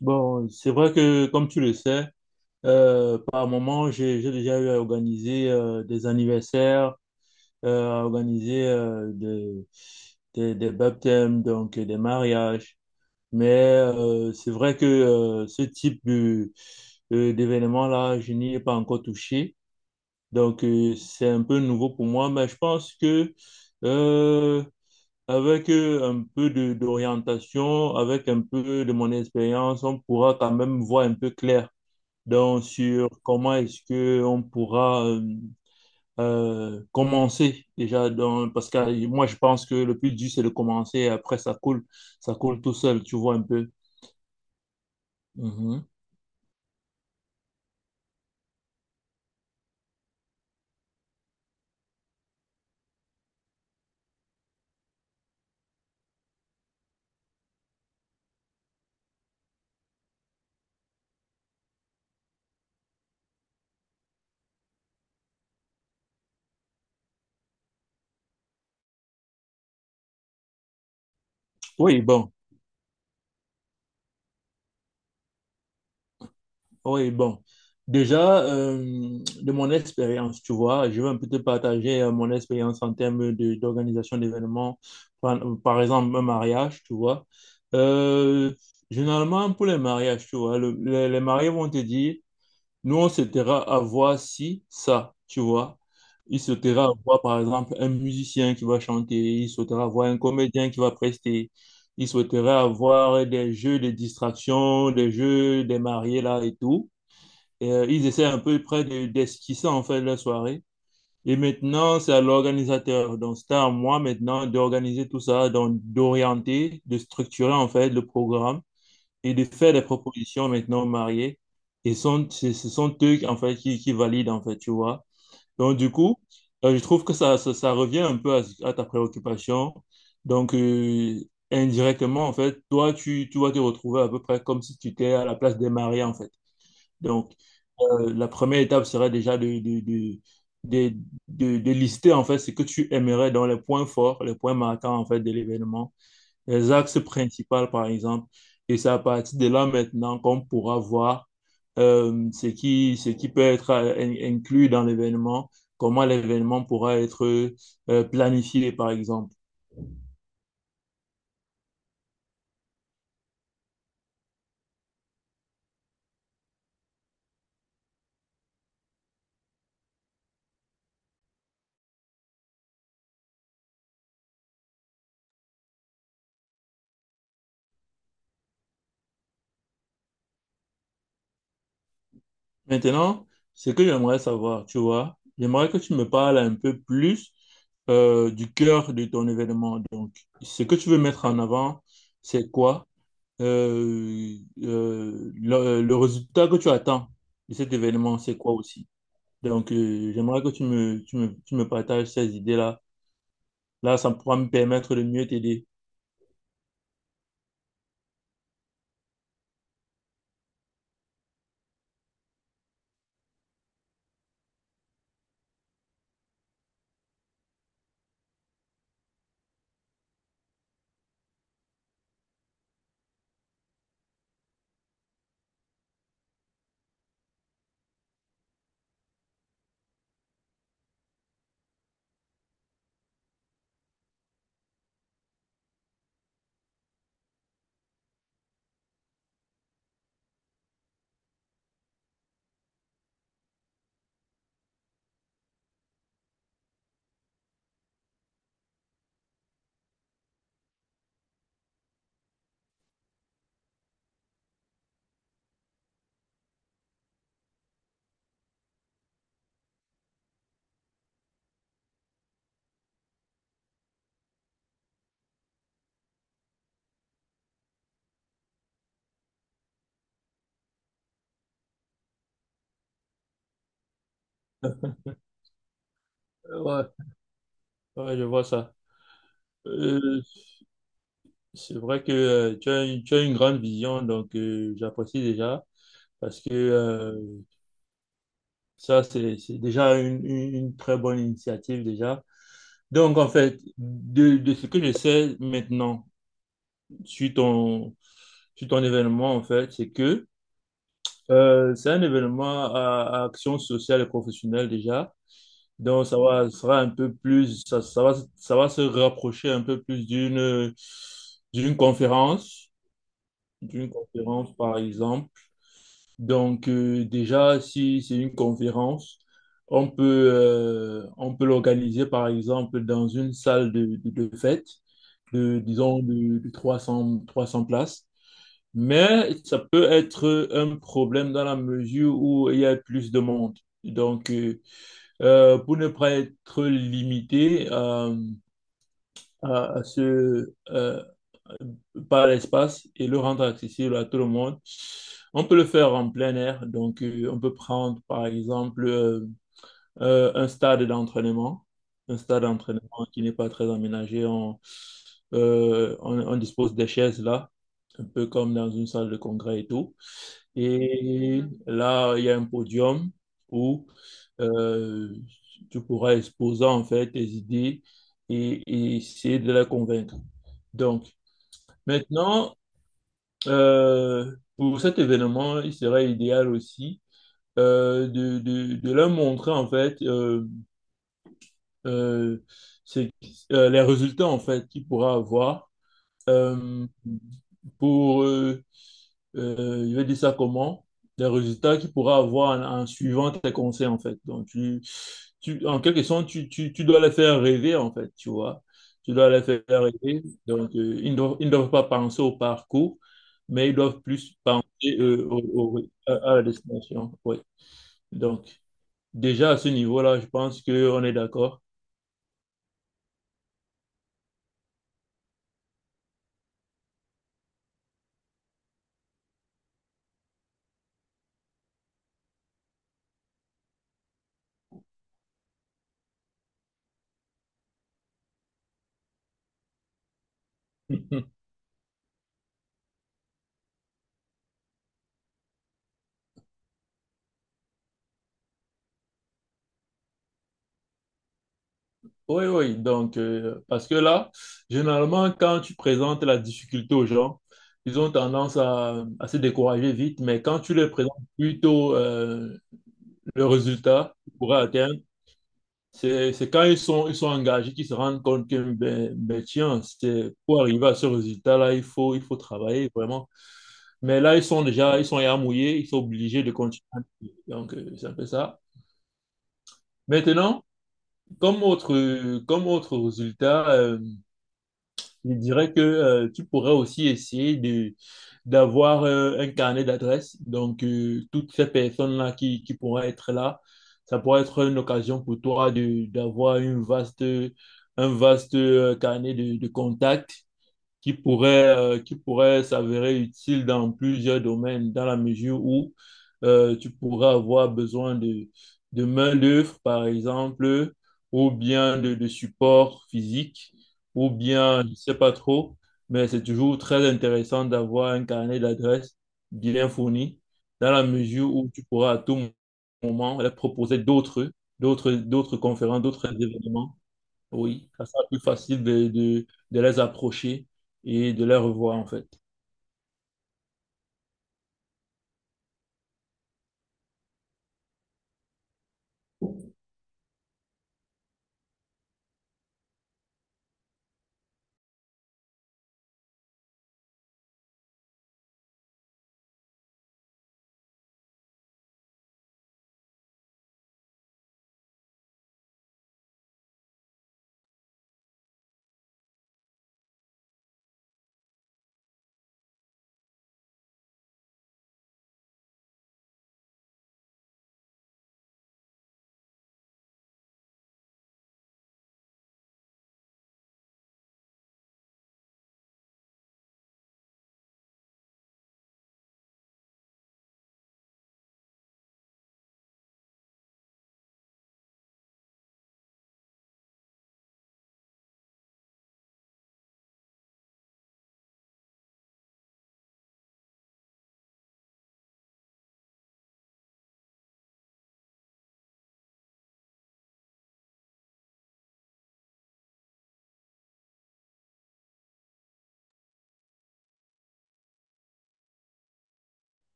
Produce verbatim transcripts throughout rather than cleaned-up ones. Bon, c'est vrai que, comme tu le sais, euh, par moment, j'ai j'ai déjà eu à organiser euh, des anniversaires, euh, à organiser euh, des, des, des baptêmes, donc euh, des mariages. Mais euh, c'est vrai que euh, ce type de, euh, d'événement-là, je n'y ai pas encore touché. Donc, euh, c'est un peu nouveau pour moi, mais je pense que euh, avec euh, un peu de d'orientation, avec un peu de mon expérience, on pourra quand même voir un peu clair donc sur comment est-ce que on pourra euh, euh, commencer déjà dans parce que euh, moi je pense que le plus dur c'est de commencer et après ça coule ça coule tout seul tu vois un peu. Mhm. Oui, bon, oui, bon, déjà, euh, de mon expérience tu vois je vais un peu te partager euh, mon expérience en termes de d'organisation d'événements, par, par exemple un mariage tu vois. Euh, Généralement pour les mariages tu vois le- les les mariés vont te dire: nous, on se taira à voir si ça, tu vois. Il se taira à voir, par exemple, un musicien qui va chanter, il souhaitera voir un comédien qui va prester, il souhaitera avoir des jeux de distraction, des jeux des mariés là et tout. Et, euh, ils essaient un peu près de- d'esquisser en fait la soirée. Et maintenant, c'est à l'organisateur. Donc, c'est à moi maintenant d'organiser tout ça, donc d'orienter, de structurer en fait le programme et de faire des propositions maintenant aux mariés. Et sont, ce ce sont eux, en fait, qui, qui valident, en fait, tu vois. Donc, du coup, euh, je trouve que ça, ça, ça revient un peu à, ce- à ta préoccupation. Donc, euh, indirectement, en fait, toi, tu, tu vas te retrouver à peu près comme si tu étais à la place des mariés, en fait. Donc, euh, la première étape serait déjà de, de, de, de, de- de lister, en fait, ce que tu aimerais dans les points forts, les points marquants, en fait, de l'événement, les axes principaux, par exemple. Et c'est à partir de là maintenant qu'on pourra voir euh, ce qui, ce qui peut être inclus dans l'événement, comment l'événement pourra être euh, planifié, par exemple. Maintenant, ce que j'aimerais savoir, tu vois, j'aimerais que tu me parles un peu plus euh, du cœur de ton événement. Donc, ce que tu veux mettre en avant, c'est quoi? Euh, euh, le, le résultat que tu attends de cet événement, c'est quoi aussi? Donc, euh, j'aimerais que tu me, tu me, tu me partages ces idées-là. Là, ça pourra me permettre de mieux t'aider. Euh, Ouais, ouais, je vois ça. Euh, C'est vrai que euh, tu as, une- tu as une grande vision, donc euh, j'apprécie déjà parce que euh, ça, c'est c'est déjà une, une- une très bonne initiative déjà. Donc, en fait, de, de ce que je sais maintenant, suite ton, sur ton événement, en fait, c'est que euh, c'est un événement à, à action sociale et professionnelle déjà. Donc, ça va, ça sera un peu plus, ça, ça va, ça va se rapprocher un peu plus d'une d'une conférence, d'une conférence, par exemple. Donc, euh, déjà, si c'est une conférence, on peut, euh, on peut l'organiser, par exemple, dans une salle de, de, de fête, de, disons, de, de trois 300 places. Mais ça peut être un problème dans la mesure où il y a plus de monde. Donc, euh, euh, pour ne pas être limité euh, à, à ce, euh, par l'espace et le rendre accessible à tout le monde. On peut le faire en plein air, donc euh, on peut prendre par exemple euh, euh, un stade d'entraînement, un stade d'entraînement qui n'est pas très aménagé. On, euh, on, on dispose des chaises là, un peu comme dans une salle de congrès et tout. Et là, il y a un podium où euh, tu pourras exposer en fait tes idées et, et essayer de les convaincre. Donc, maintenant, euh, pour cet événement, il serait idéal aussi euh, de, de, de leur montrer en fait euh, euh, c'est- euh, les résultats en fait qu'il pourra avoir euh, pour euh, euh, je vais dire ça comment, les résultats qu'il pourra avoir en, en suivant tes conseils, en fait. Donc, tu, tu, en quelque sorte, tu, tu, tu dois les faire rêver, en fait, tu vois. Tu dois les faire rêver. Donc, euh, ils ne doivent, ils ne doivent pas penser au parcours, mais ils doivent plus penser euh, au- au- à, à la destination. Oui. Donc, déjà à ce niveau-là, je pense qu'on est d'accord. Oui, oui, donc, euh, parce que là, généralement, quand tu présentes la difficulté aux gens, ils ont tendance à, à se décourager vite, mais quand tu leur présentes plutôt euh, le résultat qu'ils pourraient atteindre, c'est, c'est quand ils sont, ils sont engagés qu'ils se rendent compte que, ben, ben, tiens, c'est, pour arriver à ce résultat-là, il faut, il faut travailler vraiment. Mais là, ils sont déjà, ils sont ya mouillés, ils sont obligés de continuer. Donc, euh, c'est un peu ça. Maintenant, comme autre, comme autre résultat, euh, je dirais que euh, tu pourrais aussi essayer de d'avoir euh, un carnet d'adresses. Donc, euh, toutes ces personnes-là qui, qui pourraient être là, ça pourrait être une occasion pour toi de d'avoir une vaste, un vaste euh, carnet de, de contacts qui pourrait, euh, qui pourrait s'avérer utile dans plusieurs domaines, dans la mesure où euh, tu pourrais avoir besoin de, de main-d'œuvre, par exemple, ou bien de, de support physique, ou bien, je ne sais pas trop, mais c'est toujours très intéressant d'avoir un carnet d'adresses bien fourni, dans la mesure où tu pourras à tout moment leur proposer d'autres, d'autres, d'autres conférences, d'autres événements. Oui, ça sera plus facile de, de, de les approcher et de les revoir en fait.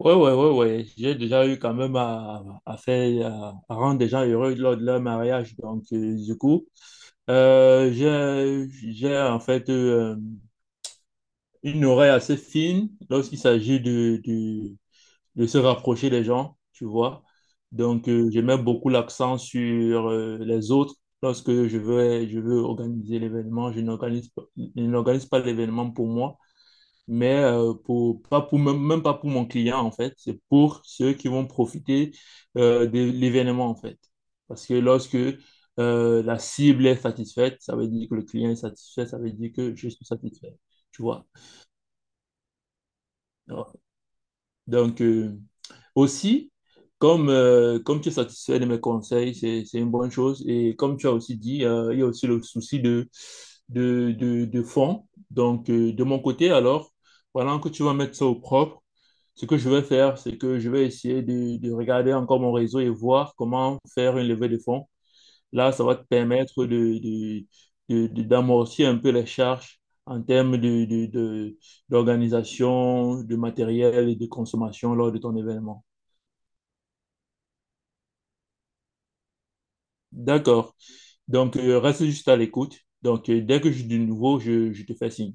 Ouais, ouais, ouais, ouais. J'ai déjà eu quand même à, à faire, à, à rendre des gens heureux lors de leur mariage. Donc, euh, du coup, euh, j'ai, j'ai en fait euh, une oreille assez fine lorsqu'il s'agit de, de, de se rapprocher des gens, tu vois. Donc, euh, je mets beaucoup l'accent sur euh, les autres. Lorsque je veux, je veux organiser l'événement, je n'organise pas, je n'organise pas l'événement pour moi mais euh, pour, pas pour, même, même pas pour mon client, en fait. C'est pour ceux qui vont profiter euh, de l'événement, en fait. Parce que lorsque euh, la cible est satisfaite, ça veut dire que le client est satisfait, ça veut dire que je suis satisfait. Tu vois? Alors, donc, euh, aussi, comme, euh, comme tu es satisfait de mes conseils, c'est, c'est une bonne chose. Et comme tu as aussi dit, euh, il y a aussi le souci de, de, de, de fond. Donc, euh, de mon côté, alors, voilà que tu vas mettre ça au propre, ce que je vais faire, c'est que je vais essayer de, de regarder encore mon réseau et voir comment faire une levée de fonds. Là, ça va te permettre de, de, de- de- d'amorcer un peu les charges en termes de, de, de- d'organisation, de matériel et de consommation lors de ton événement. D'accord. Donc, euh, reste juste à l'écoute. Donc, euh, dès que j'ai du nouveau, je, je te fais signe.